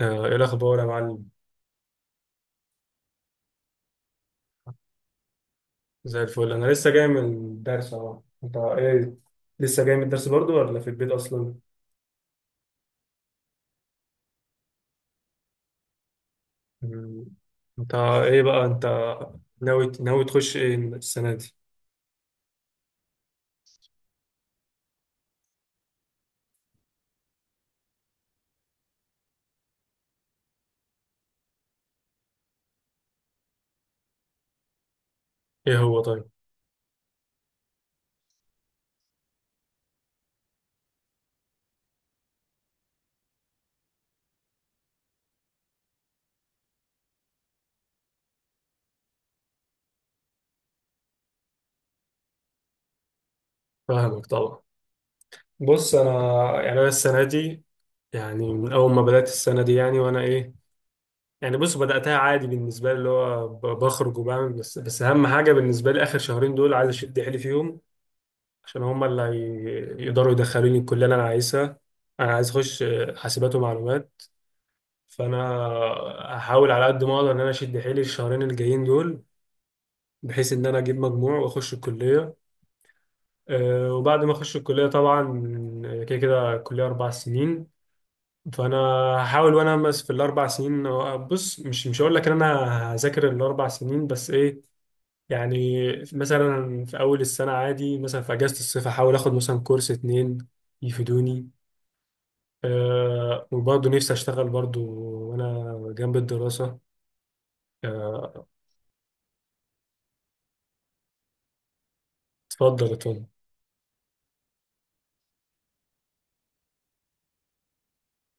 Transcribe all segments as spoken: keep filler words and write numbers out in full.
آه، ايه الاخبار يا معلم؟ زي الفل، انا لسه جاي من الدرس اهو. انت ايه؟ لسه جاي من الدرس برضو ولا في البيت اصلا؟ مم. انت ايه بقى انت، ناوي ناوي تخش ايه السنه دي؟ ايه هو طيب؟ فاهمك طبعا. بص انا، يعني انا السنه دي، يعني من اول ما بدات السنه دي يعني وانا ايه، يعني بص بداتها عادي بالنسبه لي، اللي هو ب- بخرج وبعمل، بس بس اهم حاجه بالنسبه لي اخر شهرين دول عايز اشد حيلي فيهم عشان هم اللي هي- يقدروا يدخلوني الكلية اللي أنا عايزها. أنا عايز أخش حاسبات ومعلومات. فأنا هحاول على قد ما أقدر إن أنا أشد حيلي الشهرين الجايين دول بحيث إن أنا أجيب مجموع وأخش الكلية. آه، وبعد ما أخش الكلية طبعا، آه، كده كده الكلية أربع سنين. فأنا هحاول وأنا أمس في الأربع سنين. آه، بص، مش مش هقول لك إن أنا هذاكر الأربع سنين، بس إيه، يعني مثلا في أول السنة عادي، مثلا في أجازة الصيف هحاول آخد مثلا كورس اتنين يفيدوني. آه وبرضه نفسي اشتغل برضه وانا جنب الدراسة. آه، اتفضل اتفضل.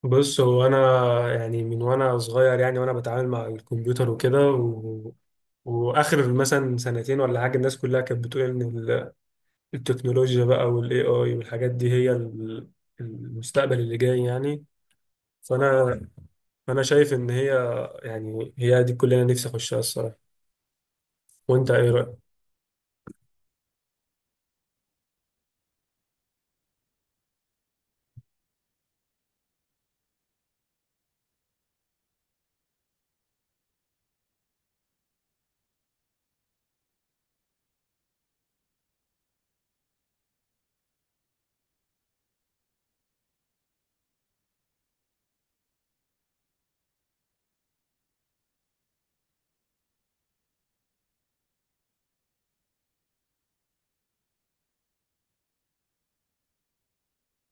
بص هو انا، يعني من وانا صغير يعني وانا بتعامل مع الكمبيوتر وكده، و... واخر مثلا سنتين ولا حاجه الناس كلها كانت بتقول ان ال- التكنولوجيا بقى والاي اي، والحاجات دي هي ال- المستقبل اللي جاي يعني. فانا فانا شايف ان هي، يعني هي دي الكليه اللي نفسي اخشها الصراحه. وانت ايه رايك؟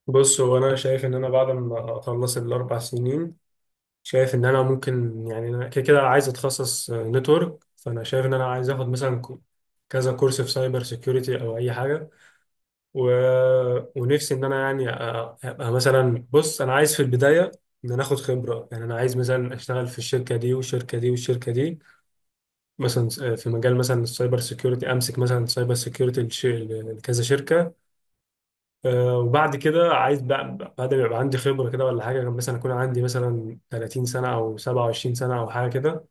بص هو انا شايف ان انا بعد ما اخلص الاربع سنين، شايف ان انا ممكن، يعني انا كده كده عايز اتخصص نتورك. فانا شايف ان انا عايز اخد مثلا كو- كذا كورس في سايبر سيكيورتي او اي حاجه، و... ونفسي ان انا، يعني أ- ابقى مثلا، بص انا عايز في البدايه ان انا اخد خبره، يعني انا عايز مثلا اشتغل في الشركه دي والشركه دي والشركه دي، مثلا س- في مجال مثلا السايبر سيكيورتي، امسك مثلا سايبر سيكيورتي لش- لكذا شركه. آه، وبعد كده عايز بقى بعد ما يبقى عندي خبره كده ولا حاجه، مثلا اكون عندي مثلا ثلاثين سنة سنه او سبعة وعشرين سنة سنه او حاجه كده،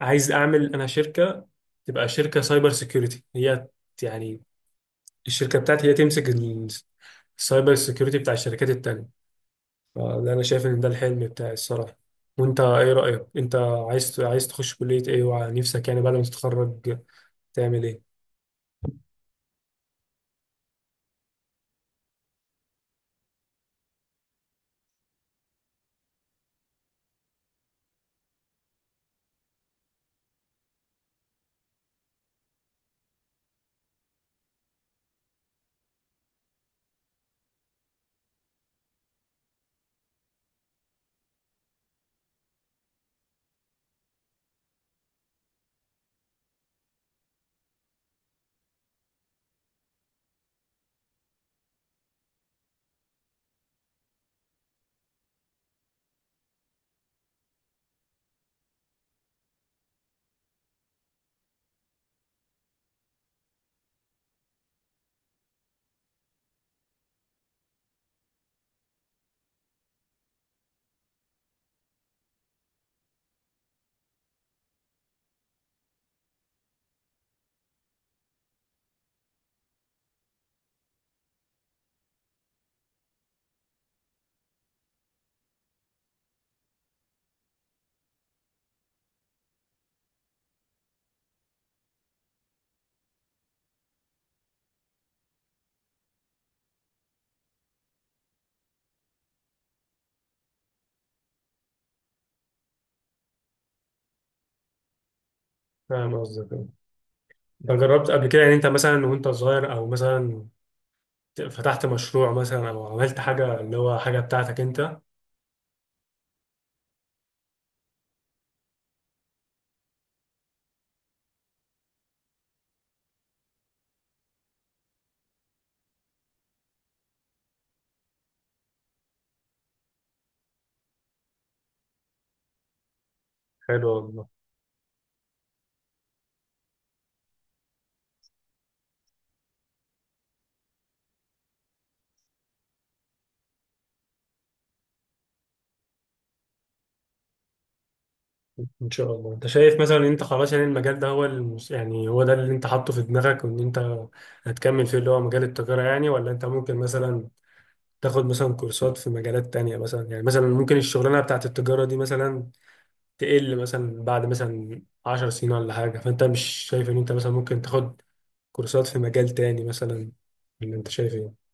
عايز اعمل انا شركه، تبقى شركه سايبر سيكيورتي هي، يعني الشركه بتاعتي هي تمسك ال- السايبر سيكيورتي بتاع الشركات التانيه. فده انا شايف ان ده الحلم بتاعي الصراحه. وانت ايه رايك انت؟ عايز عايز تخش كليه ايه؟ ونفسك يعني بعد ما تتخرج تعمل ايه؟ فاهم قصدك أه. انت جربت قبل كده يعني انت مثلا وانت صغير، او مثلا فتحت مشروع مثلا او عملت حاجه اللي هو حاجه بتاعتك انت؟ حلو. ان شاء الله. انت شايف مثلا ان انت خلاص، يعني المجال ده هو المس... يعني هو ده اللي انت حاطه في دماغك، وان انت هتكمل فيه اللي هو مجال التجارة يعني؟ ولا انت ممكن مثلا تاخد مثلا كورسات في مجالات تانية مثلا؟ يعني مثلا ممكن الشغلانة بتاعت التجارة دي مثلا تقل مثلا بعد مثلا 10 سنين ولا حاجة، فانت مش شايف ان انت مثلا ممكن تاخد كورسات في مجال تاني مثلا؟ اللي انت شايف ايه؟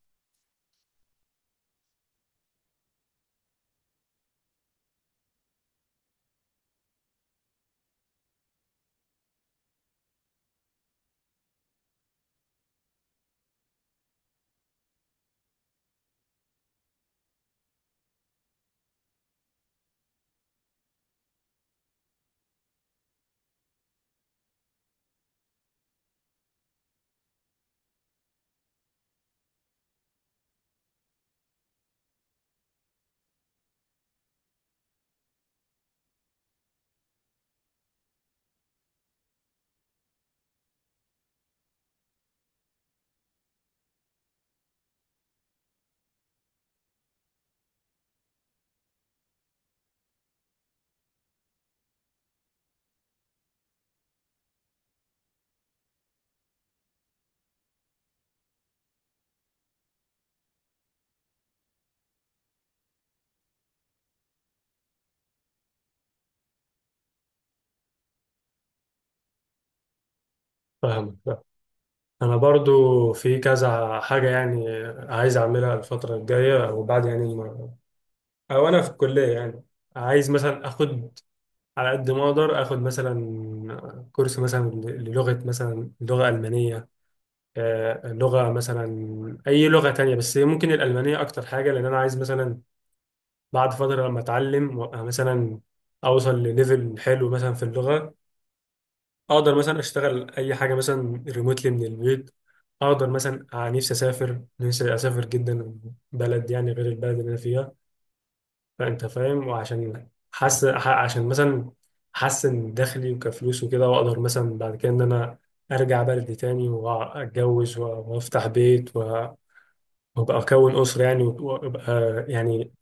فاهمك لا. انا برضو في كذا حاجة يعني عايز اعملها الفترة الجاية، وبعد يعني او انا في الكليه يعني، عايز مثلا اخد على قد ما اقدر، اخد مثلا كورس مثلا للغه، مثلا لغه المانيه. آه، لغه مثلا اي لغه تانية، بس ممكن الالمانيه اكتر حاجه لان انا عايز مثلا بعد فتره لما اتعلم وأبقى مثلا اوصل لليفل حلو مثلا في اللغه، اقدر مثلا اشتغل اي حاجه مثلا ريموتلي من البيت. اقدر مثلا، آه، نفسي اسافر، نفسي اسافر جدا، بلد يعني غير البلد اللي انا فيها. فانت فاهم، وعشان حس ح- عشان مثلا احسن دخلي وكفلوس وكده، واقدر مثلا بعد كده ان انا ارجع بلدي تاني واتجوز و- وافتح بيت و- وابقى اكون اسره يعني، وابقى يعني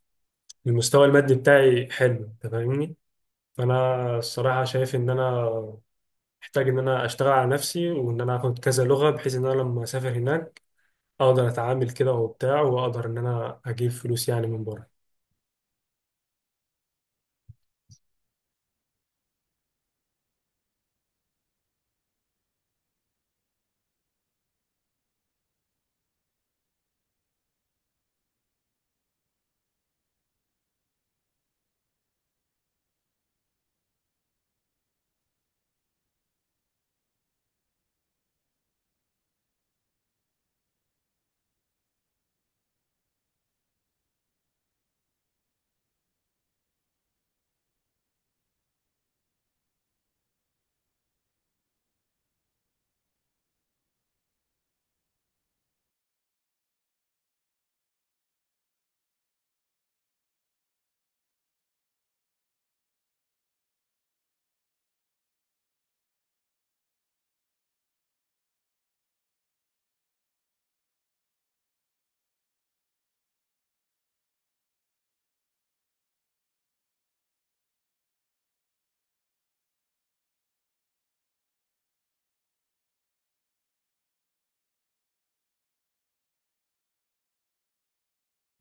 المستوى المادي بتاعي حلو. انت فاهمني؟ فانا الصراحه شايف ان انا محتاج ان انا اشتغل على نفسي، وان انا اخد كذا لغه، بحيث ان انا لما اسافر هناك اقدر اتعامل كده وبتاع، واقدر ان انا اجيب فلوس يعني من بره.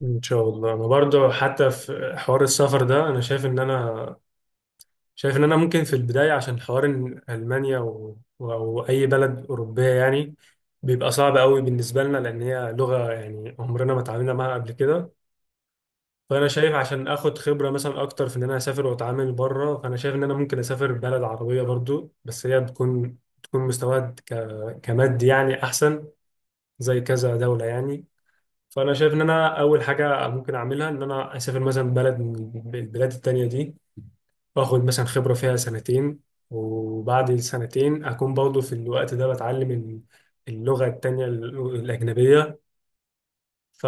ان شاء الله. انا برضو حتى في حوار السفر ده، انا شايف ان انا، شايف ان انا ممكن في البدايه عشان حوار إن المانيا و... و- او اي بلد اوروبيه يعني، بيبقى صعب قوي بالنسبه لنا، لان هي لغه يعني عمرنا ما اتعاملنا معاها قبل كده. فانا شايف عشان اخد خبره مثلا اكتر في ان انا اسافر واتعامل بره، فانا شايف ان انا ممكن اسافر بلد عربيه برضو، بس هي بتكون بتكون مستواها ك... كمادي يعني احسن، زي كذا دوله يعني. فانا شايف ان انا اول حاجه ممكن اعملها ان انا اسافر مثلا بلد من البلاد التانية دي، واخد مثلا خبره فيها سنتين، وبعد السنتين اكون برضه في الوقت ده بتعلم ال- اللغه التانية ال- الاجنبيه. ف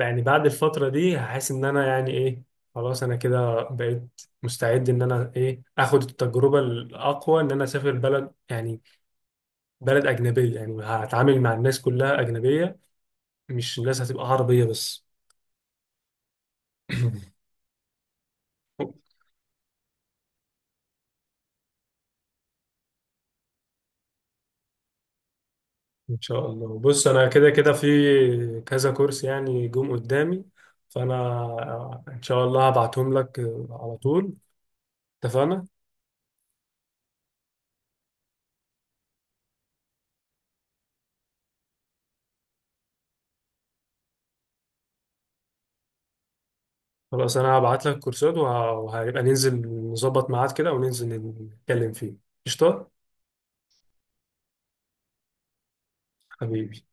يعني بعد الفتره دي هحس ان انا يعني ايه، خلاص انا كده بقيت مستعد ان انا ايه اخد التجربه الاقوى، ان انا اسافر بلد، يعني بلد اجنبيه، يعني هتعامل مع الناس كلها اجنبيه، مش الناس هتبقى عربيه بس. ان شاء الله. بص انا كده كده في كذا كورس يعني جم قدامي، فانا ان شاء الله هبعتهم لك على طول. اتفقنا. خلاص، انا هبعت لك كورسات وه- وهيبقى ننزل نظبط ميعاد كده وننزل نتكلم فيه. قشطه. حبيبي.